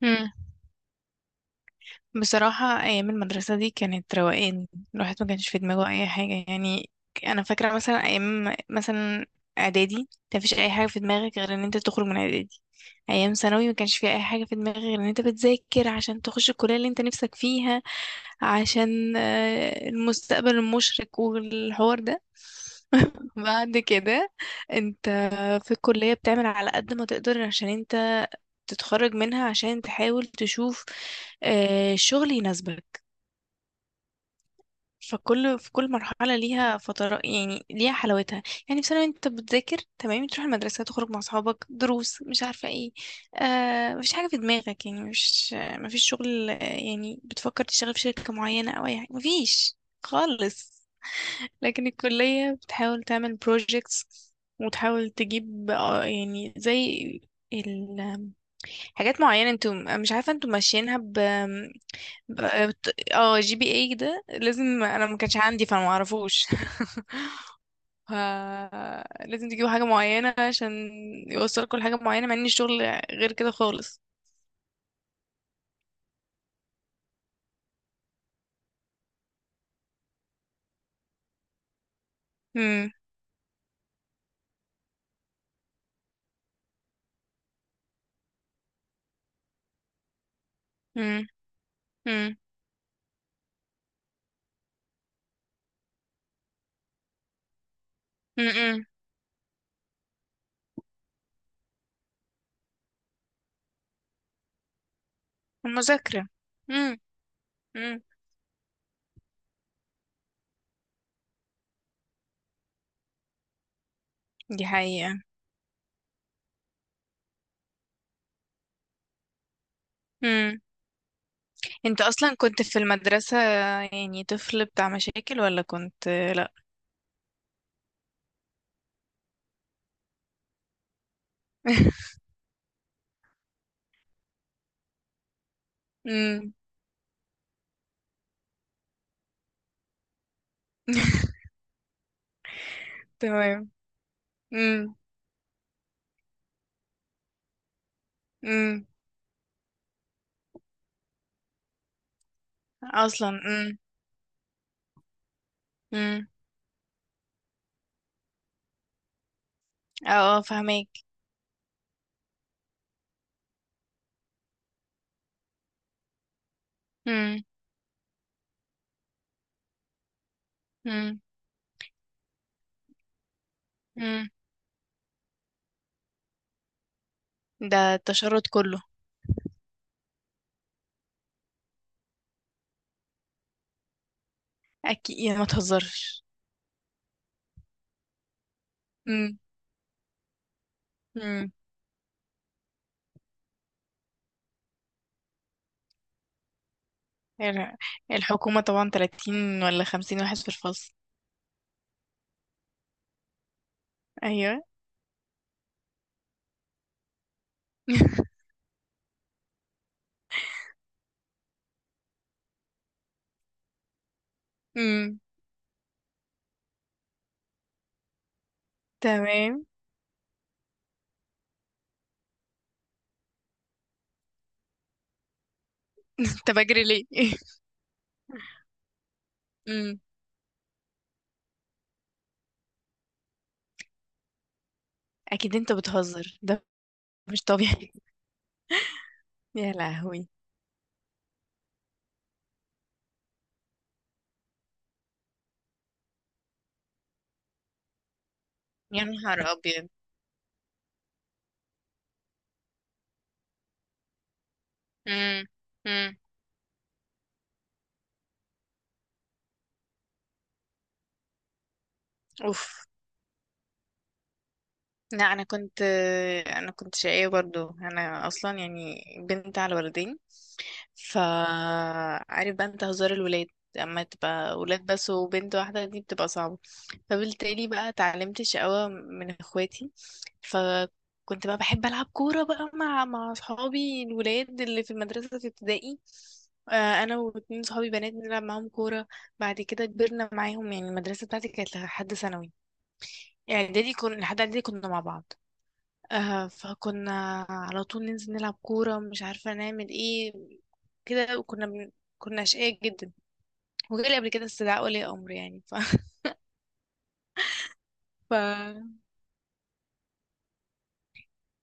مم. بصراحة أيام المدرسة دي كانت روقان، الواحد ما كانش في دماغه أي حاجة يعني. أنا فاكرة مثلا أيام مثلا إعدادي كان مفيش أي حاجة في دماغك غير إن أنت تخرج من إعدادي. أيام ثانوي ما كانش في أي حاجة في دماغك غير إن أنت بتذاكر عشان تخش الكلية اللي أنت نفسك فيها، عشان المستقبل المشرق والحوار ده. بعد كده أنت في الكلية بتعمل على قد ما تقدر عشان أنت تتخرج منها، عشان تحاول تشوف شغل يناسبك. فكل في كل مرحلة ليها فترة، يعني ليها حلاوتها. يعني في ثانوي انت بتذاكر تمام، تروح المدرسة، تخرج مع اصحابك، دروس، مش عارفة ايه. آه مفيش حاجة في دماغك، يعني مش مفيش شغل، يعني بتفكر تشتغل في شركة معينة او اي حاجة، مفيش خالص. لكن الكلية بتحاول تعمل projects وتحاول تجيب يعني زي حاجات معينة، انتوا مش عارفة انتوا ماشيينها ب جي بي اي. ده لازم، انا ما كانش عندي فما اعرفوش. ف لازم تجيبوا حاجة معينة عشان يوصلكوا لحاجة معينة، مع ان الشغل غير كده خالص. امم. امم. امم. امم. المذاكرة. امم. امم. دي حقيقة. امم. انت اصلا كنت في المدرسة يعني طفل بتاع مشاكل ولا كنت لا؟ امم. تمام. امم. امم. اصلا؟ امم. اه اه فهماك. امم. امم. امم. ده التشرد كله؟ اكيد، يا ما تهزرش. امم. امم. ال- الحكومة طبعا 30 ولا 50 واحد في الفصل. ايوه. امم. تمام. انت بجري ليه؟ امم. اكيد انت بتهزر ده، مش طبيعي. يا لهوي، يا نهار ابيض. امم. امم. اوف. لا، انا كنت شقية برضو، انا اصلا يعني بنت على ولدين، فعارف بقى انت هزار الولاد. اما تبقى ولاد بس وبنت واحدة دي بتبقى صعبة. فبالتالي بقى اتعلمت الشقاوة من اخواتي. فكنت بقى بحب العب كورة بقى مع اصحابي الولاد اللي في المدرسة في ابتدائي. انا واتنين صحابي بنات بنلعب معاهم كورة. بعد كده كبرنا معاهم، يعني المدرسة بتاعتي كانت لحد ثانوي، يعني اعدادي كنا، لحد اعدادي كنا مع بعض. آه فكنا على طول ننزل نلعب كورة، مش عارفة نعمل ايه كده. كنا أشقياء جدا. وجالي قبل كده استدعاء ولي أمر يعني ف... ف...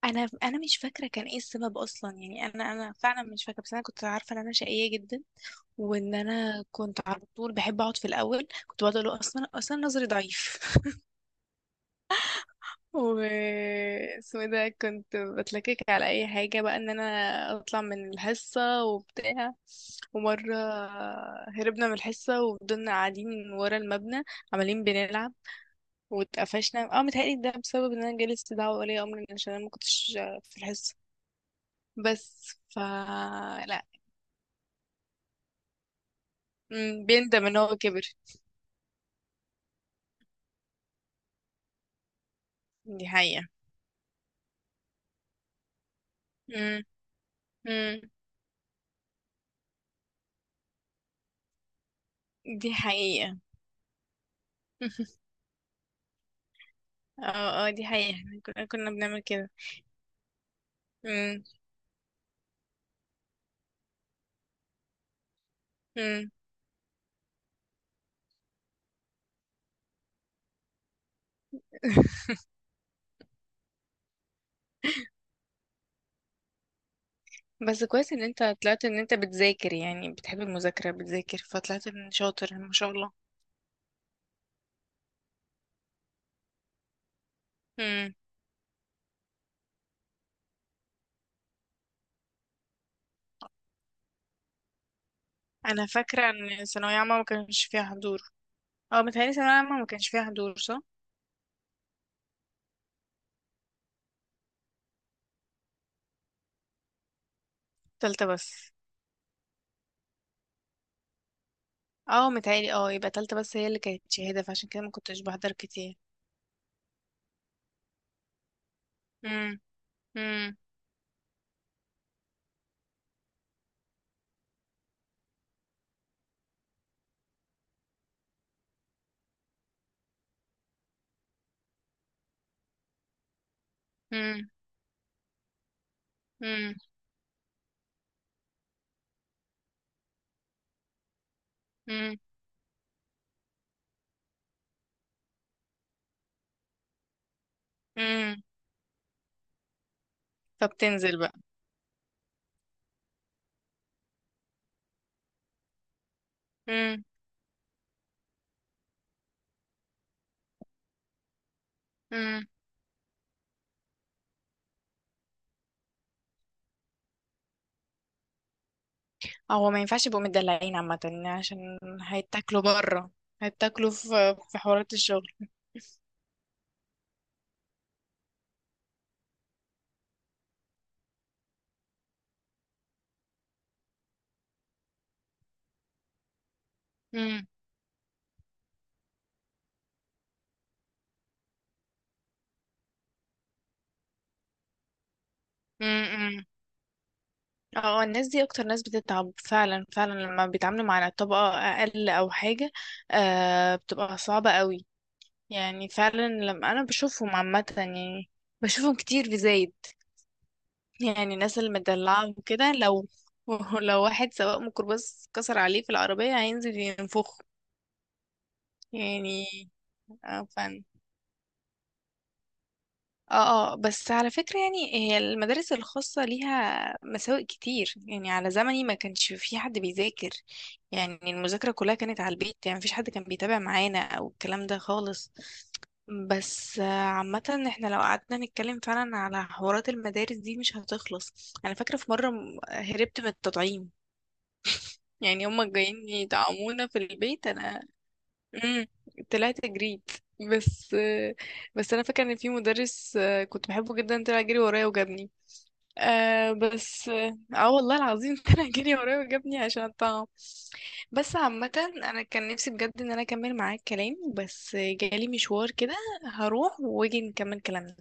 أنا مش فاكرة كان ايه السبب أصلا، يعني أنا فعلا مش فاكرة، بس أنا كنت عارفة إن أنا شقية جدا، وإن أنا كنت على طول بحب أقعد في الأول. كنت بقعد أقول له أصلا نظري ضعيف. و اسمه ده، كنت بتلكك على اي حاجة بقى ان انا اطلع من الحصة وبتاع. ومرة هربنا من الحصة وفضلنا قاعدين ورا المبنى عمالين بنلعب، واتقفشنا. اه متهيألي ده بسبب ان انا جالس دعوة ولي امر عشان انا ما كنتش في الحصة. بس ف لا. مم، بيندم ان هو كبر. دي حقيقة. مم. مم. دي حقيقة. اه اه دي حقيقة، احنا كنا بنعمل كده. مم. مم. بس كويس ان انت طلعت ان انت بتذاكر، يعني بتحب المذاكرة، بتذاكر فطلعت ان شاطر ما شاء الله. امم. انا فاكرة ان ثانوية عامة ما كانش فيها حضور. اه متهيألي ثانوية عامة ما كانش فيها حضور، صح؟ تالتة بس. اه متهيألي، اه يبقى تالتة بس هي اللي كانت شهادة، فعشان كده ما كنتش بحضر كتير. امم. امم. امم. امم. امم. امم. طب تنزل بقى. امم. امم. هو ما ينفعش يبقوا مدلعين عامة، عشان هيتاكلوا بره، هيتاكلوا في حوارات الشغل. امم. اه الناس دي اكتر ناس بتتعب، فعلا لما بيتعاملوا مع طبقة اقل او حاجة. آه بتبقى صعبة قوي. يعني فعلا لما انا بشوفهم عامة يعني، بشوفهم كتير في زايد، يعني الناس اللي مدلعة وكده. لو لو واحد سواق ميكروباص كسر عليه في العربية هينزل ينفخه يعني. آه، اه اه بس على فكرة، يعني هي المدارس الخاصة ليها مساوئ كتير، يعني على زمني ما كانش في حد بيذاكر. يعني المذاكرة كلها كانت على البيت، يعني مفيش حد كان بيتابع معانا او الكلام ده خالص. بس عامة احنا لو قعدنا نتكلم فعلا على حوارات المدارس دي مش هتخلص. انا فاكرة في مرة هربت من التطعيم. يعني هما جايين يطعمونا في البيت، انا امم طلعت جريت. بس بس انا فاكره ان في مدرس كنت بحبه جدا طلع جري ورايا وجابني. آه بس اه آه والله العظيم طلع جري ورايا وجابني عشان الطعام. بس عامه انا كان نفسي بجد ان انا اكمل معاك كلام، بس جالي مشوار كده. هروح واجي نكمل كلامنا.